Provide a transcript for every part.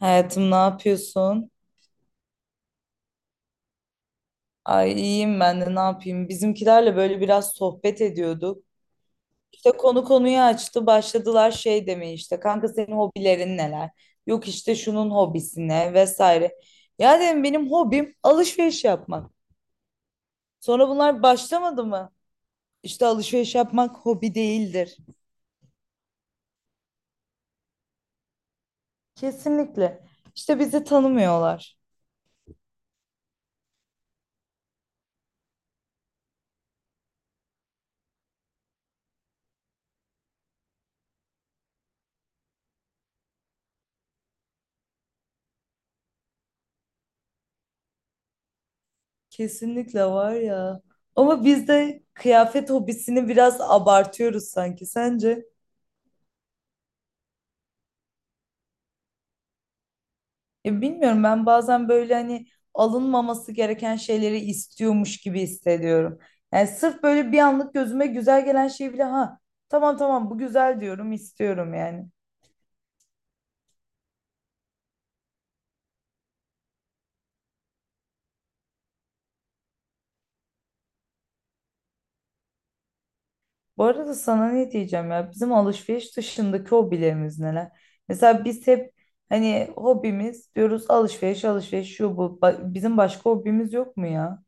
Hayatım ne yapıyorsun? Ay iyiyim ben de ne yapayım? Bizimkilerle böyle biraz sohbet ediyorduk. İşte konu konuyu açtı. Başladılar şey demeye işte. Kanka senin hobilerin neler? Yok işte şunun hobisi ne vesaire. Ya dedim benim hobim alışveriş yapmak. Sonra bunlar başlamadı mı? İşte alışveriş yapmak hobi değildir. Kesinlikle. İşte bizi tanımıyorlar. Kesinlikle var ya. Ama biz de kıyafet hobisini biraz abartıyoruz sanki. Sence? Ya bilmiyorum ben bazen böyle hani alınmaması gereken şeyleri istiyormuş gibi hissediyorum. Yani sırf böyle bir anlık gözüme güzel gelen şey bile ha tamam tamam bu güzel diyorum istiyorum yani. Bu arada sana ne diyeceğim ya bizim alışveriş dışındaki hobilerimiz neler? Mesela biz hep hani hobimiz diyoruz alışveriş alışveriş şu bu bizim başka hobimiz yok mu ya?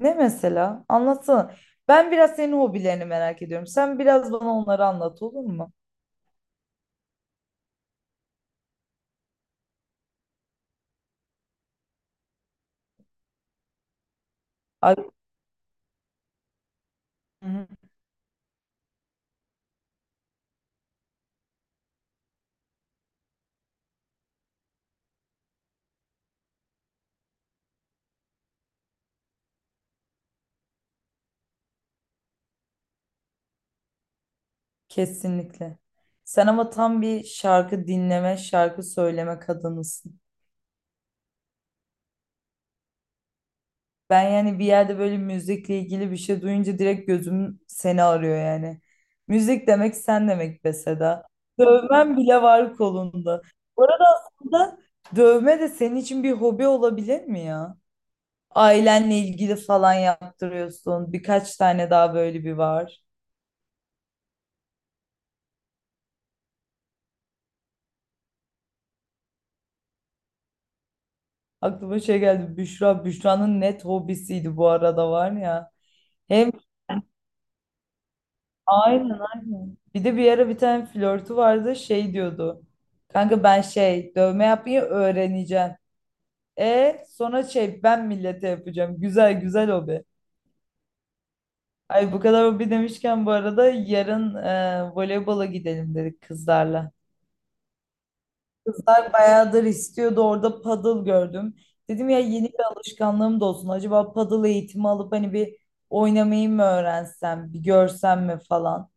Ne mesela? Anlatsana. Ben biraz senin hobilerini merak ediyorum. Sen biraz bana onları anlat olur mu? Ay, hı hı, kesinlikle. Sen ama tam bir şarkı dinleme, şarkı söyleme kadınısın. Ben yani bir yerde böyle müzikle ilgili bir şey duyunca direkt gözüm seni arıyor yani. Müzik demek sen demek be Seda. Dövmen bile var kolunda. Bu arada aslında dövme de senin için bir hobi olabilir mi ya? Ailenle ilgili falan yaptırıyorsun. Birkaç tane daha böyle bir var. Aklıma şey geldi. Büşra. Büşra'nın net hobisiydi bu arada var ya. Hem aynen aynen. Bir de bir ara bir tane flörtü vardı. Şey diyordu. Kanka ben şey dövme yapmayı öğreneceğim. E sonra şey ben millete yapacağım. Güzel güzel hobi. Ay bu kadar hobi demişken bu arada yarın voleybola gidelim dedik kızlarla. Kızlar bayağıdır istiyordu orada paddle gördüm. Dedim ya yeni bir alışkanlığım da olsun. Acaba paddle eğitimi alıp hani bir oynamayı mı öğrensem, bir görsem mi falan.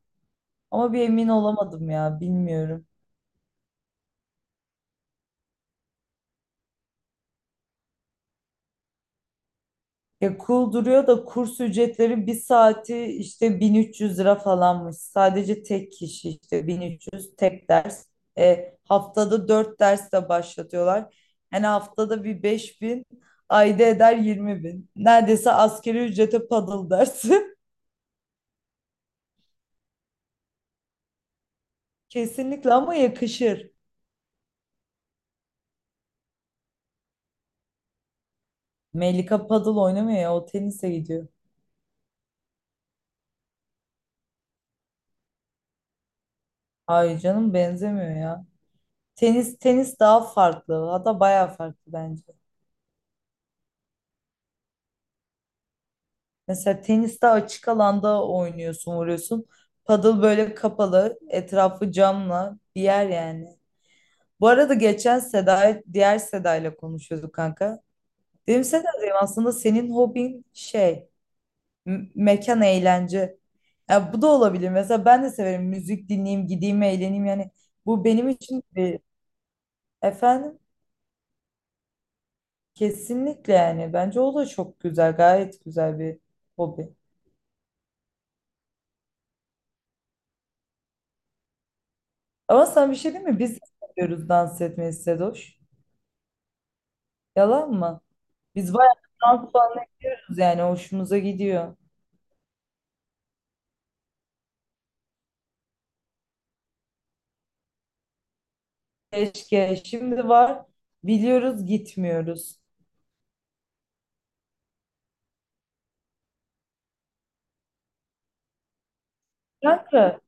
Ama bir emin olamadım ya bilmiyorum. Ya cool duruyor da kurs ücretleri bir saati işte 1300 lira falanmış. Sadece tek kişi işte 1300 tek ders. E, haftada 4 ders de başlatıyorlar. Yani haftada bir 5.000 ayda eder 20.000. Neredeyse askeri ücrete paddle dersi. Kesinlikle ama yakışır. Melika paddle oynamıyor ya o tenise gidiyor. Hayır canım benzemiyor ya. Tenis tenis daha farklı. Hatta bayağı farklı bence. Mesela teniste açık alanda oynuyorsun, vuruyorsun. Padel böyle kapalı, etrafı camla bir yer yani. Bu arada geçen Seda, diğer Seda'yla konuşuyorduk kanka. Dedim Seda'cığım aslında senin hobin şey, mekan eğlence. Ya bu da olabilir. Mesela ben de severim müzik dinleyeyim, gideyim, eğleneyim yani. Bu benim için bir efendim kesinlikle yani. Bence o da çok güzel, gayet güzel bir hobi. Ama sana bir şey diyeyim mi? Biz de seviyoruz dans etmeyi Sedoş. Yalan mı? Biz bayağı dans anlıyoruz yani hoşumuza gidiyor. Keşke şimdi var biliyoruz gitmiyoruz. Kanka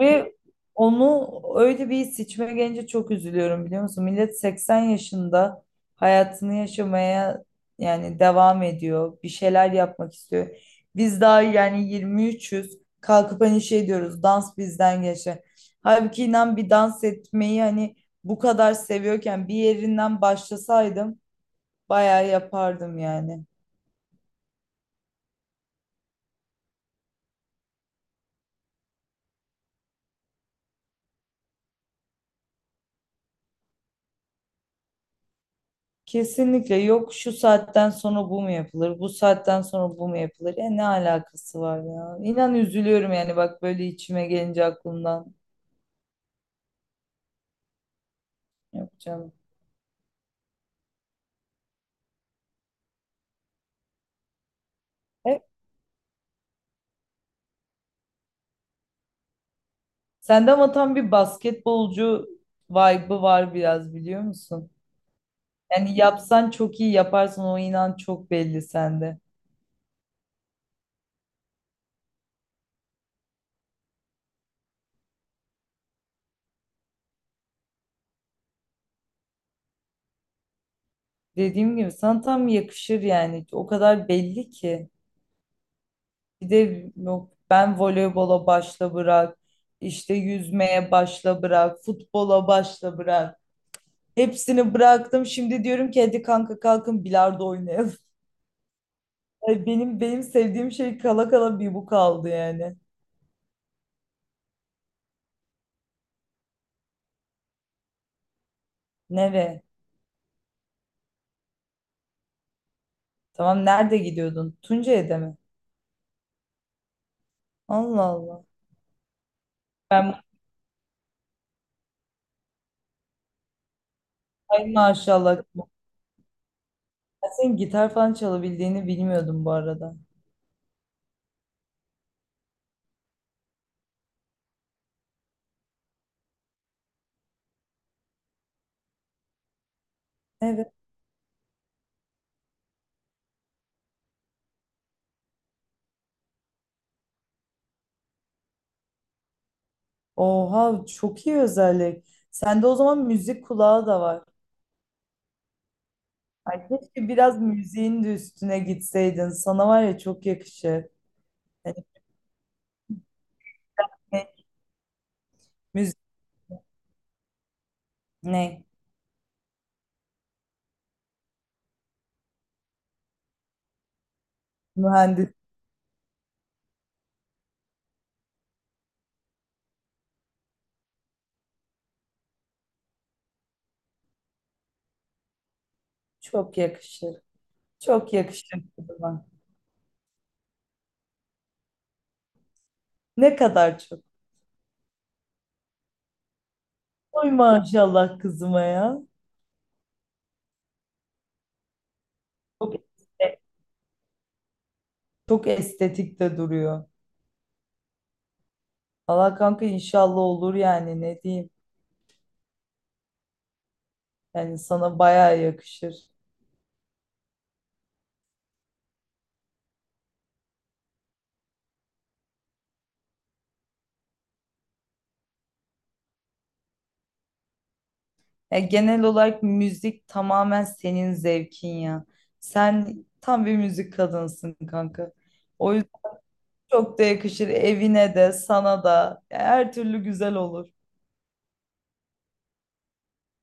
ve onu öyle bir seçime gelince çok üzülüyorum biliyor musun? Millet 80 yaşında hayatını yaşamaya yani devam ediyor. Bir şeyler yapmak istiyor. Biz daha yani 23'üz. Kalkıp hani şey diyoruz dans bizden geçti. Halbuki inan bir dans etmeyi hani bu kadar seviyorken bir yerinden başlasaydım bayağı yapardım yani. Kesinlikle yok şu saatten sonra bu mu yapılır, bu saatten sonra bu mu yapılır? Ya ne alakası var ya? İnan üzülüyorum yani bak böyle içime gelince aklımdan. Yok canım. E, sende ama tam bir basketbolcu vibe'ı var biraz biliyor musun? Yani yapsan çok iyi yaparsın o inan çok belli sende. Dediğim gibi sana tam yakışır yani. O kadar belli ki. Bir de yok ben voleybola başla bırak. İşte yüzmeye başla bırak. Futbola başla bırak. Hepsini bıraktım. Şimdi diyorum ki hadi kanka kalkın bilardo oynayalım. Ay benim sevdiğim şey kala kala bir bu kaldı yani. Nereye? Tamam nerede gidiyordun? Tuncay'da mi? Allah Allah. Ben ay maşallah. Ben senin gitar falan çalabildiğini bilmiyordum bu arada. Evet. Oha çok iyi özellik. Sende o zaman müzik kulağı da var. Ay, keşke biraz müziğin de üstüne gitseydin. Sana var ya çok yakışır. Yani ne, müzik ne? Mühendis çok yakışır. Çok yakışır kızıma. Ne kadar çok. Oy maşallah kızıma ya. Çok, estetik- çok estetik de duruyor. Allah kanka inşallah olur yani ne diyeyim. Yani sana bayağı yakışır. Ya genel olarak müzik tamamen senin zevkin ya. Sen tam bir müzik kadınsın kanka. O yüzden çok da yakışır evine de sana da. Ya her türlü güzel olur.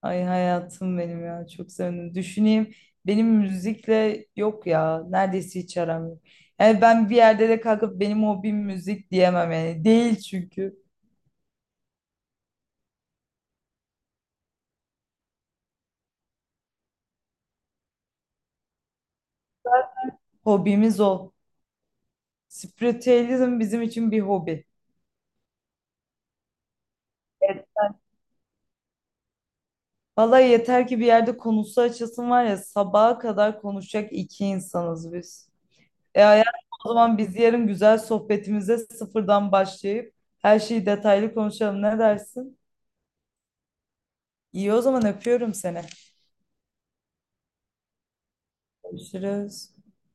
Ay hayatım benim ya çok sevindim. Düşüneyim benim müzikle yok ya neredeyse hiç aram yok. Yani ben bir yerde de kalkıp benim hobim müzik diyemem yani. Değil çünkü. Hobimiz o. Spiritüalizm bizim için bir hobi. Vallahi yeter ki bir yerde konusu açılsın var ya sabaha kadar konuşacak iki insanız biz. E hayatım o zaman biz yarın güzel sohbetimize sıfırdan başlayıp her şeyi detaylı konuşalım ne dersin? İyi o zaman öpüyorum seni. Görüşürüz.